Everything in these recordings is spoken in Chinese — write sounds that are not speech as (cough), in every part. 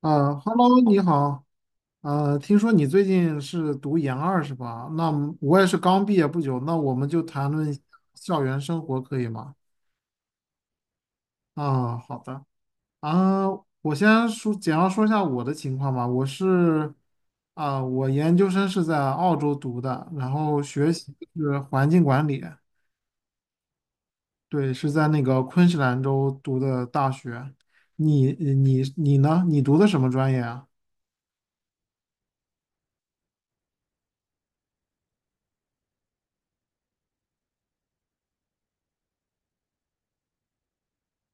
啊，Hello，你好。听说你最近是读研二是吧？那么我也是刚毕业不久，那我们就谈论一下校园生活可以吗？啊，好的。啊，我先说简要说一下我的情况吧。我研究生是在澳洲读的，然后学习是环境管理，对，是在那个昆士兰州读的大学。你呢？你读的什么专业啊？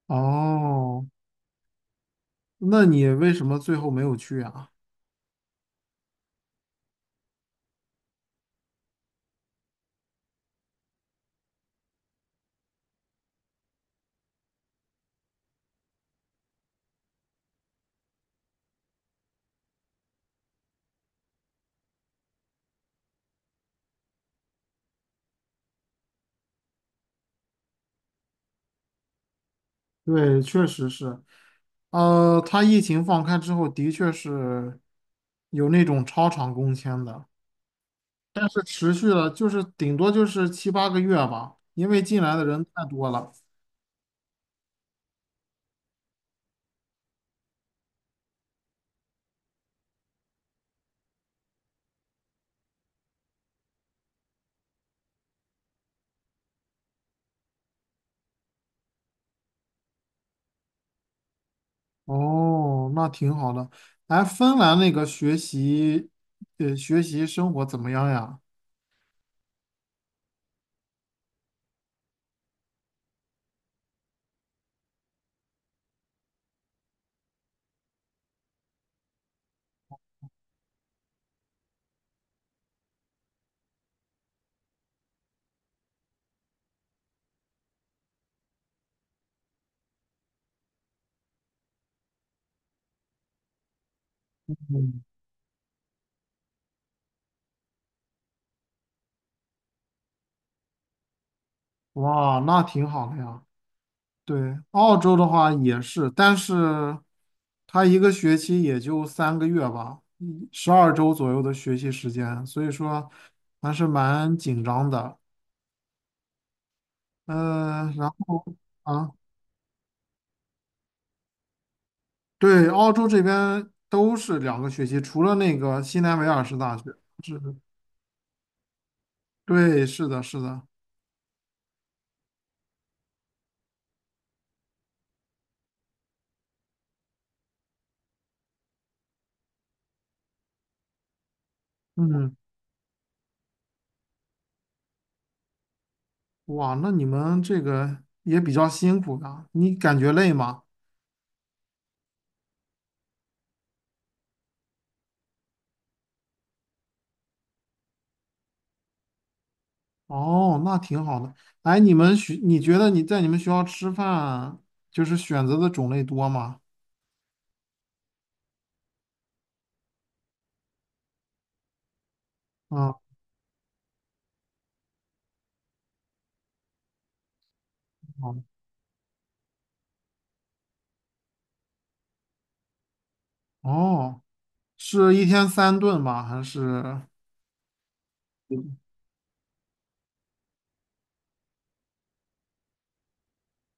哦。那你为什么最后没有去啊？对，确实是，他疫情放开之后，的确是有那种超长工签的，是持续了，就是顶多就是七八个月吧，因为进来的人太多了。哦，那挺好的。哎，芬兰那个学习生活怎么样呀？哇，那挺好的呀。对，澳洲的话也是，但是它一个学期也就3个月吧，12周左右的学习时间，所以说还是蛮紧张的。嗯，然后。啊，对，澳洲这边都是两个学期，除了那个新南威尔士大学是，对，是的，是的，嗯，哇，那你们这个也比较辛苦的，你感觉累吗？哦，那挺好的。哎，你们学，你觉得你在你们学校吃饭，就是选择的种类多吗？嗯，好的。哦，是一天三顿吗？还是？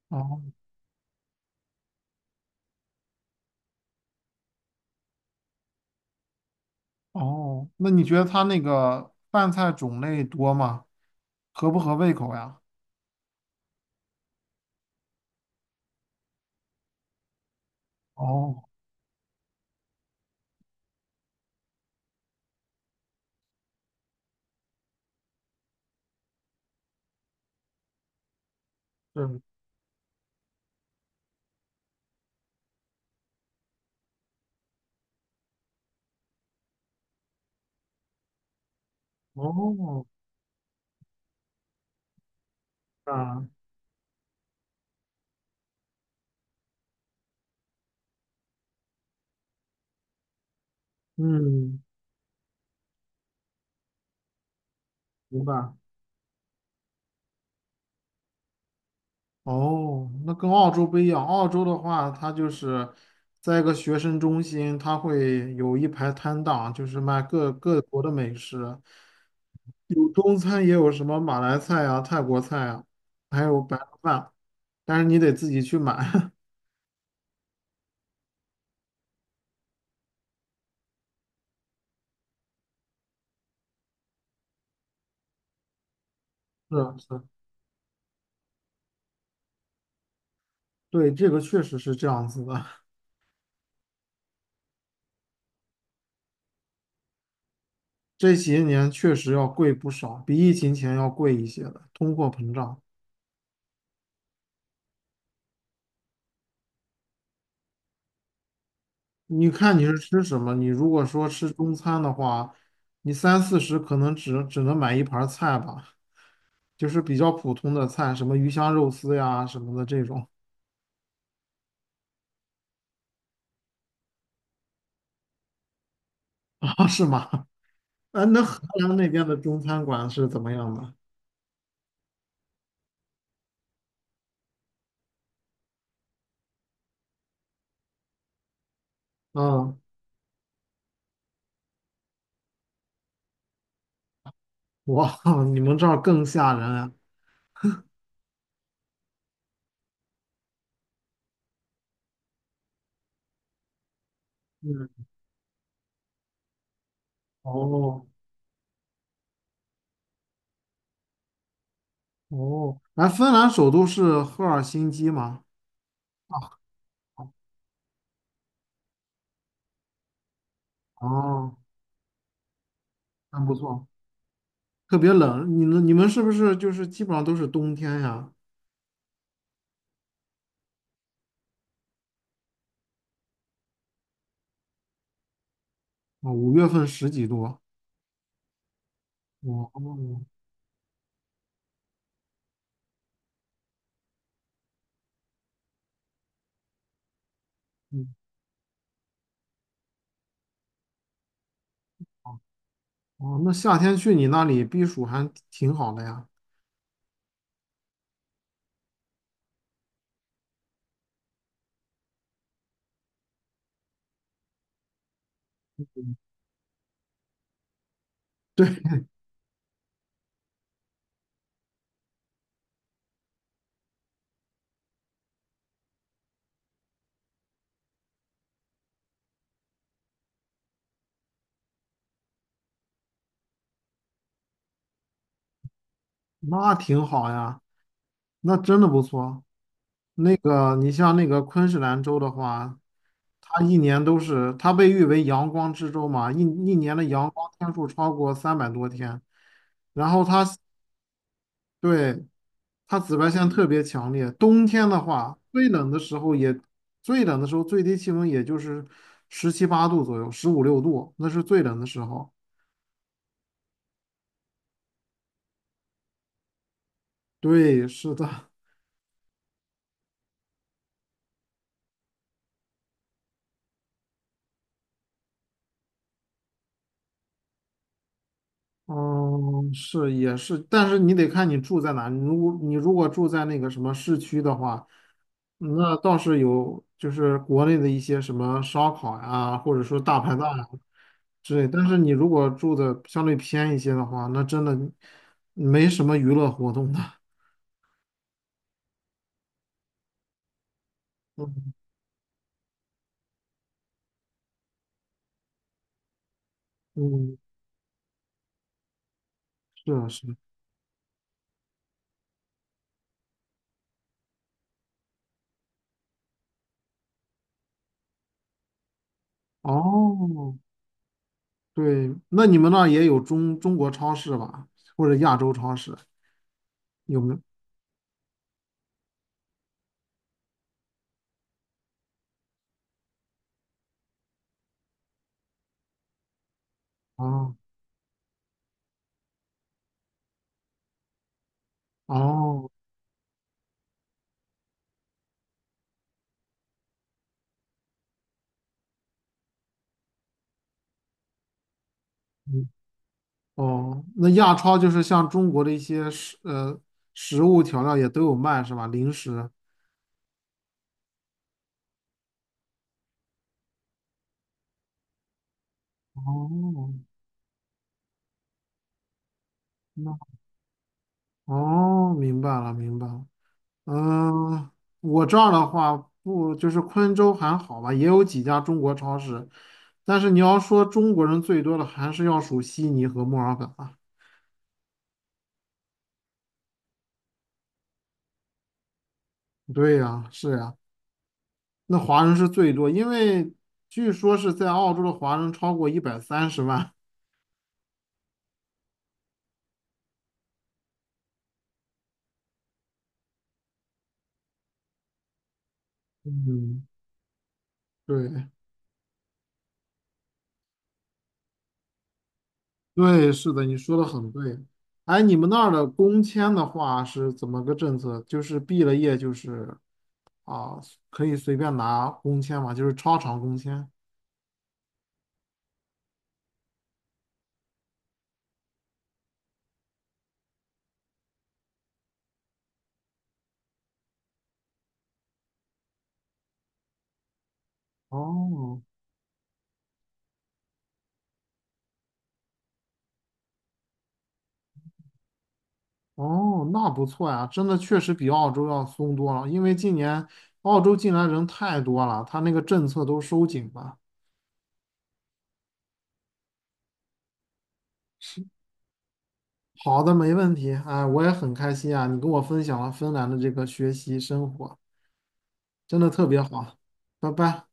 哦。哦，那你觉得他那个饭菜种类多吗？合不合胃口呀？哦，对，哦，啊，嗯，明白。哦，那跟澳洲不一样。澳洲的话，它就是在一个学生中心，它会有一排摊档，就是卖各国的美食，有中餐，也有什么马来菜啊、泰国菜啊，还有白人饭，但是你得自己去买。(laughs) 是啊是啊，对，这个确实是这样子的。这些年确实要贵不少，比疫情前要贵一些的，通货膨胀。你看你是吃什么？你如果说吃中餐的话，你三四十可能只能买一盘儿菜吧，就是比较普通的菜，什么鱼香肉丝呀什么的这种。 (laughs) 啊，是吗？啊，那河南那边的中餐馆是怎么样的？嗯，哇，(laughs) 你们这儿更吓人啊！嗯，哦。哦，哎，芬兰首都是赫尔辛基吗？啊，哦，那不错，特别冷，你们是不是就是基本上都是冬天呀？啊，5月份十几度。哦，嗯，哦，那夏天去你那里避暑还挺好的呀。对，(laughs) 那挺好呀，那真的不错。那个，你像那个昆士兰州的话，它一年都是，它被誉为阳光之州嘛，一年的阳光天数超过300多天。然后它，对，它紫外线特别强烈，冬天的话，最冷的时候最低气温也就是十七八度左右，十五六度，那是最冷的时候。对，是的，嗯，是也是，但是你得看你住在哪。你如果住在那个什么市区的话，那倒是有，就是国内的一些什么烧烤呀，或者说大排档呀之类。但是你如果住的相对偏一些的话，那真的没什么娱乐活动的。嗯嗯，是啊是啊。哦，对，那你们那儿也有中国超市吧，或者亚洲超市有没有？哦。哦。嗯。哦，那亚超就是像中国的一些食物调料也都有卖是吧？零食。哦，那。哦，明白了明白了。嗯，我这儿的话不就是昆州还好吧，也有几家中国超市，但是你要说中国人最多的还是要数悉尼和墨尔本啊。对呀，是呀，那华人是最多，因为据说是在澳洲的华人超过130万。嗯，对。对，是的，你说的很对。哎，你们那儿的工签的话是怎么个政策？就是毕了业就是啊，可以随便拿工签嘛，就是超长工签。哦。哦，那不错呀，真的确实比澳洲要松多了。因为今年澳洲进来人太多了，他那个政策都收紧了。是，好的，没问题。哎，我也很开心啊，你跟我分享了芬兰的这个学习生活，真的特别好。拜拜。